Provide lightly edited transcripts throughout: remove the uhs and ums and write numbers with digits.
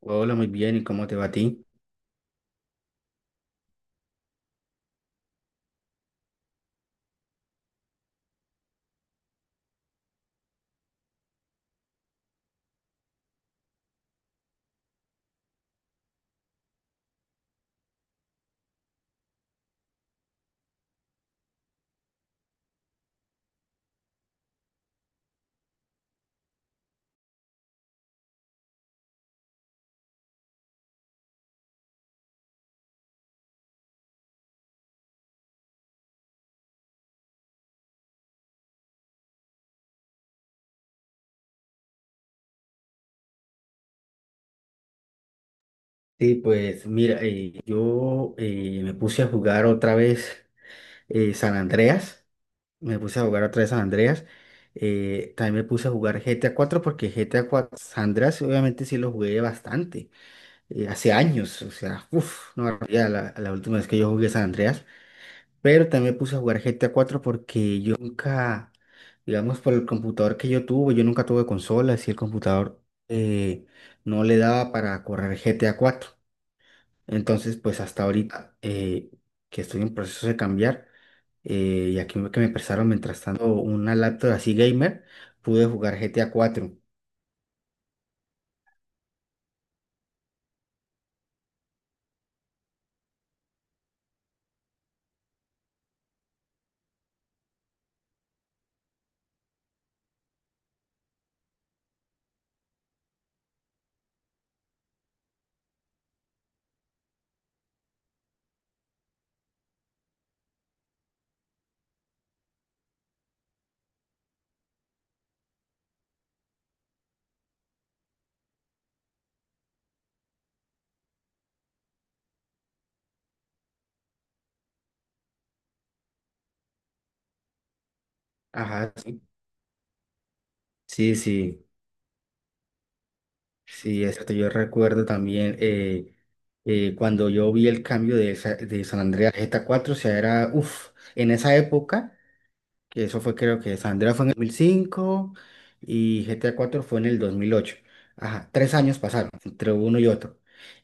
Hola, muy bien, ¿y cómo te va a ti? Sí, pues mira, yo me puse a jugar otra vez San Andreas, me puse a jugar otra vez San Andreas. También me puse a jugar GTA 4 porque GTA 4 San Andreas obviamente sí lo jugué bastante, hace años. O sea, uff, no, ya la última vez que yo jugué San Andreas. Pero también me puse a jugar GTA cuatro porque yo nunca, digamos, por el computador que yo tuve, yo nunca tuve consola, y el computador eh, no le daba para correr GTA cuatro. Entonces, pues hasta ahorita, que estoy en proceso de cambiar, y aquí que me prestaron mientras tanto una laptop así gamer, pude jugar GTA cuatro. Ajá, sí, sí, sí. Sí, exacto. Yo recuerdo también, cuando yo vi el cambio de, de San Andreas a GTA 4, o sea, era, uff, en esa época, que eso fue, creo que San Andreas fue en el 2005 y GTA 4 fue en el 2008. Ajá, 3 años pasaron entre uno y otro.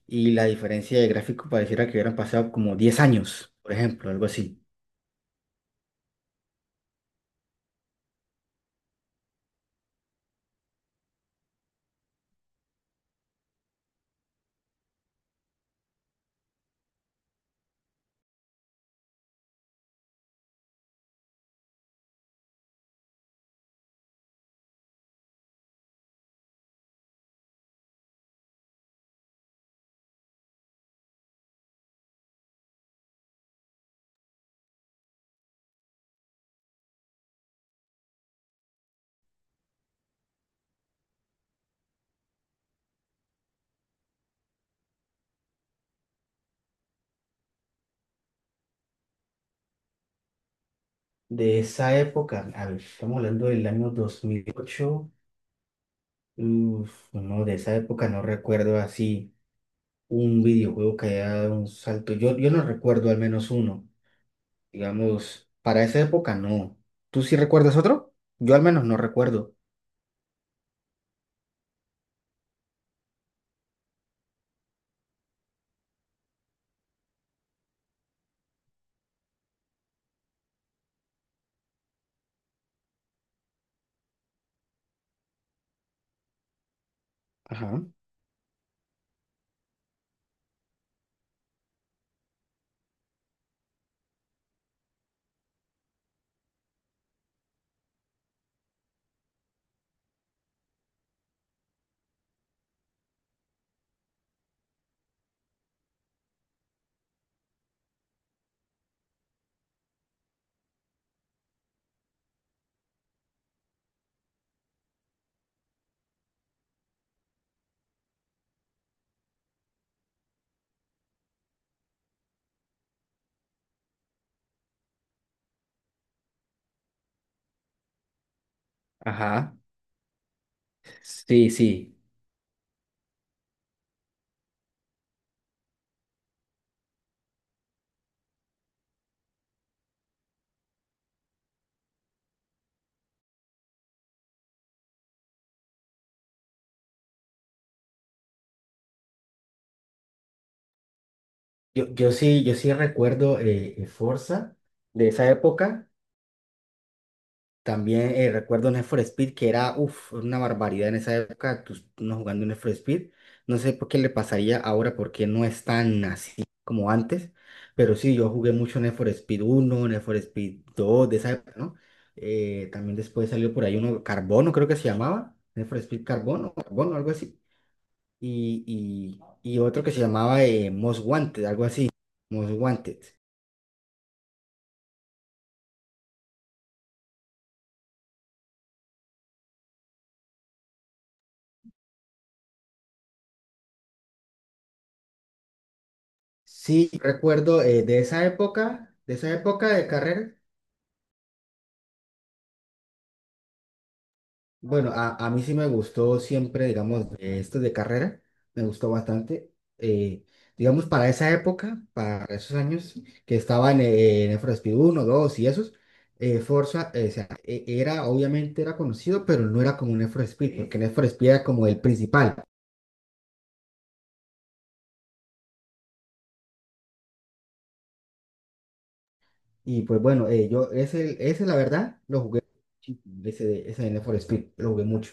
Y la diferencia de gráfico pareciera que hubieran pasado como 10 años, por ejemplo, algo así. De esa época, a ver, estamos hablando del año 2008. Uff, no, de esa época no recuerdo así un videojuego que haya dado un salto. Yo no recuerdo al menos uno. Digamos, para esa época no. ¿Tú sí recuerdas otro? Yo al menos no recuerdo. Ajá. Ajá. Sí, sí. Yo sí recuerdo Forza de esa época. También recuerdo Need for Speed, que era uf, una barbaridad en esa época, tú, uno jugando Need for Speed. No sé por qué le pasaría ahora, porque no es tan así como antes. Pero sí, yo jugué mucho Need for Speed uno, Need for Speed 2 de esa época, ¿no? También después salió por ahí uno, Carbono creo que se llamaba, Need for Speed Carbono, Carbono, algo así. Y, y otro que se llamaba Most Wanted, algo así, Most Wanted. Sí, recuerdo, de esa época, de esa época de carrera. Bueno, a mí sí me gustó siempre, digamos, esto de carrera, me gustó bastante. Eh, digamos, para esa época, para esos años que estaban, en el Need for 1, 2 y esos, Forza, o sea, era, obviamente era conocido, pero no era como un Need for Speed, porque Need for Speed era como el principal. Y pues bueno, yo ese la verdad lo jugué muchísimo, ese, ese de Need for Speed, lo jugué mucho.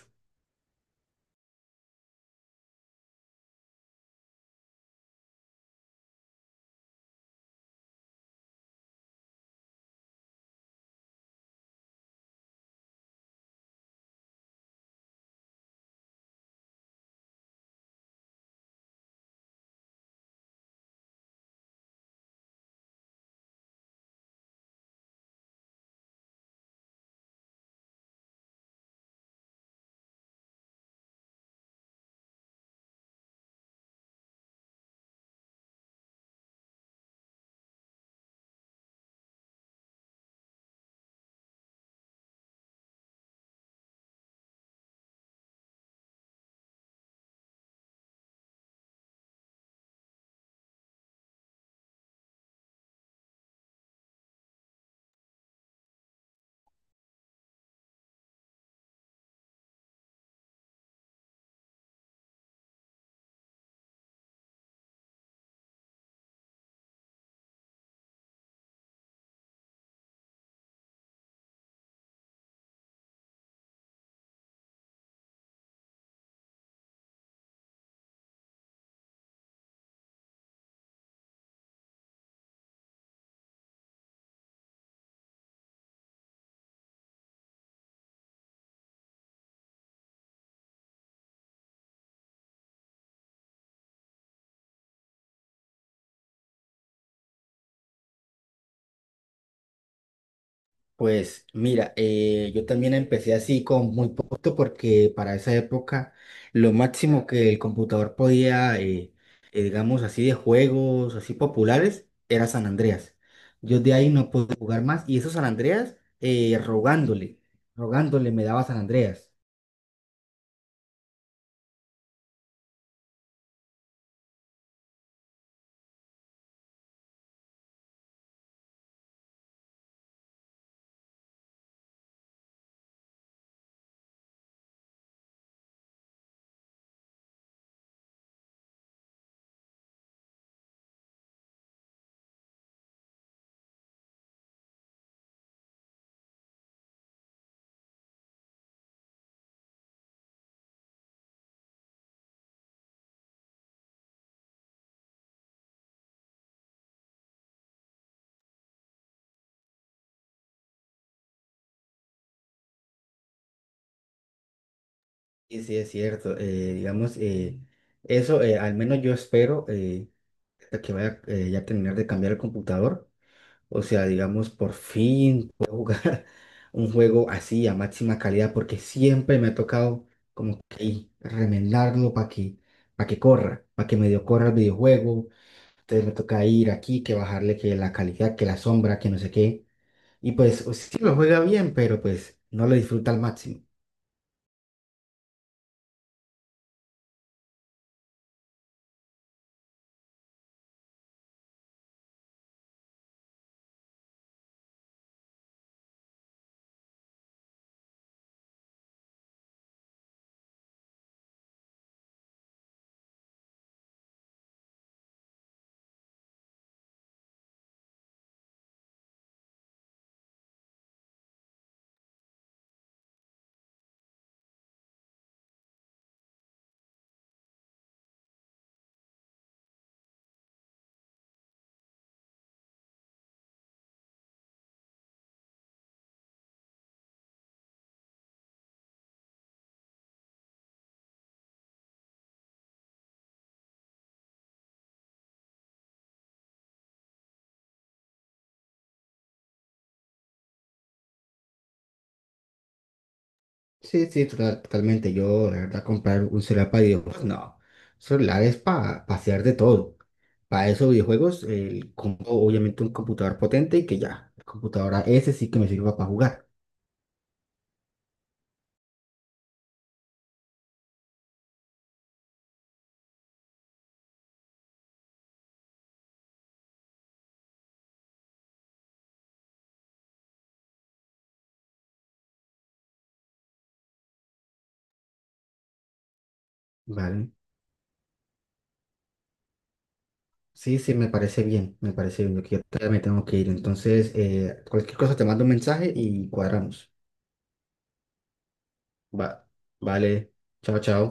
Pues mira, yo también empecé así con muy poquito porque para esa época lo máximo que el computador podía, digamos así, de juegos así populares era San Andreas. Yo de ahí no pude jugar más y eso San Andreas, rogándole, rogándole me daba San Andreas. Y sí, es cierto, digamos, eso, al menos yo espero, hasta que vaya, ya a terminar de cambiar el computador. O sea, digamos, por fin puedo jugar un juego así a máxima calidad, porque siempre me ha tocado como que remendarlo para que corra, para que medio corra el videojuego. Entonces me toca ir aquí, que bajarle que la calidad, que la sombra, que no sé qué. Y pues, o sí lo juega bien, pero pues no lo disfruta al máximo. Sí, sí, totalmente. Yo, la verdad, comprar un celular para videojuegos, no. Celular es para hacer de todo. Para esos videojuegos, el, compro, obviamente un computador potente y que ya, la computadora ese sí que me sirva para jugar, ¿vale? Sí, sí, me parece bien, me parece bien. Yo que ya me tengo que ir. Entonces, cualquier cosa te mando un mensaje y cuadramos. Va, vale, chao, chao.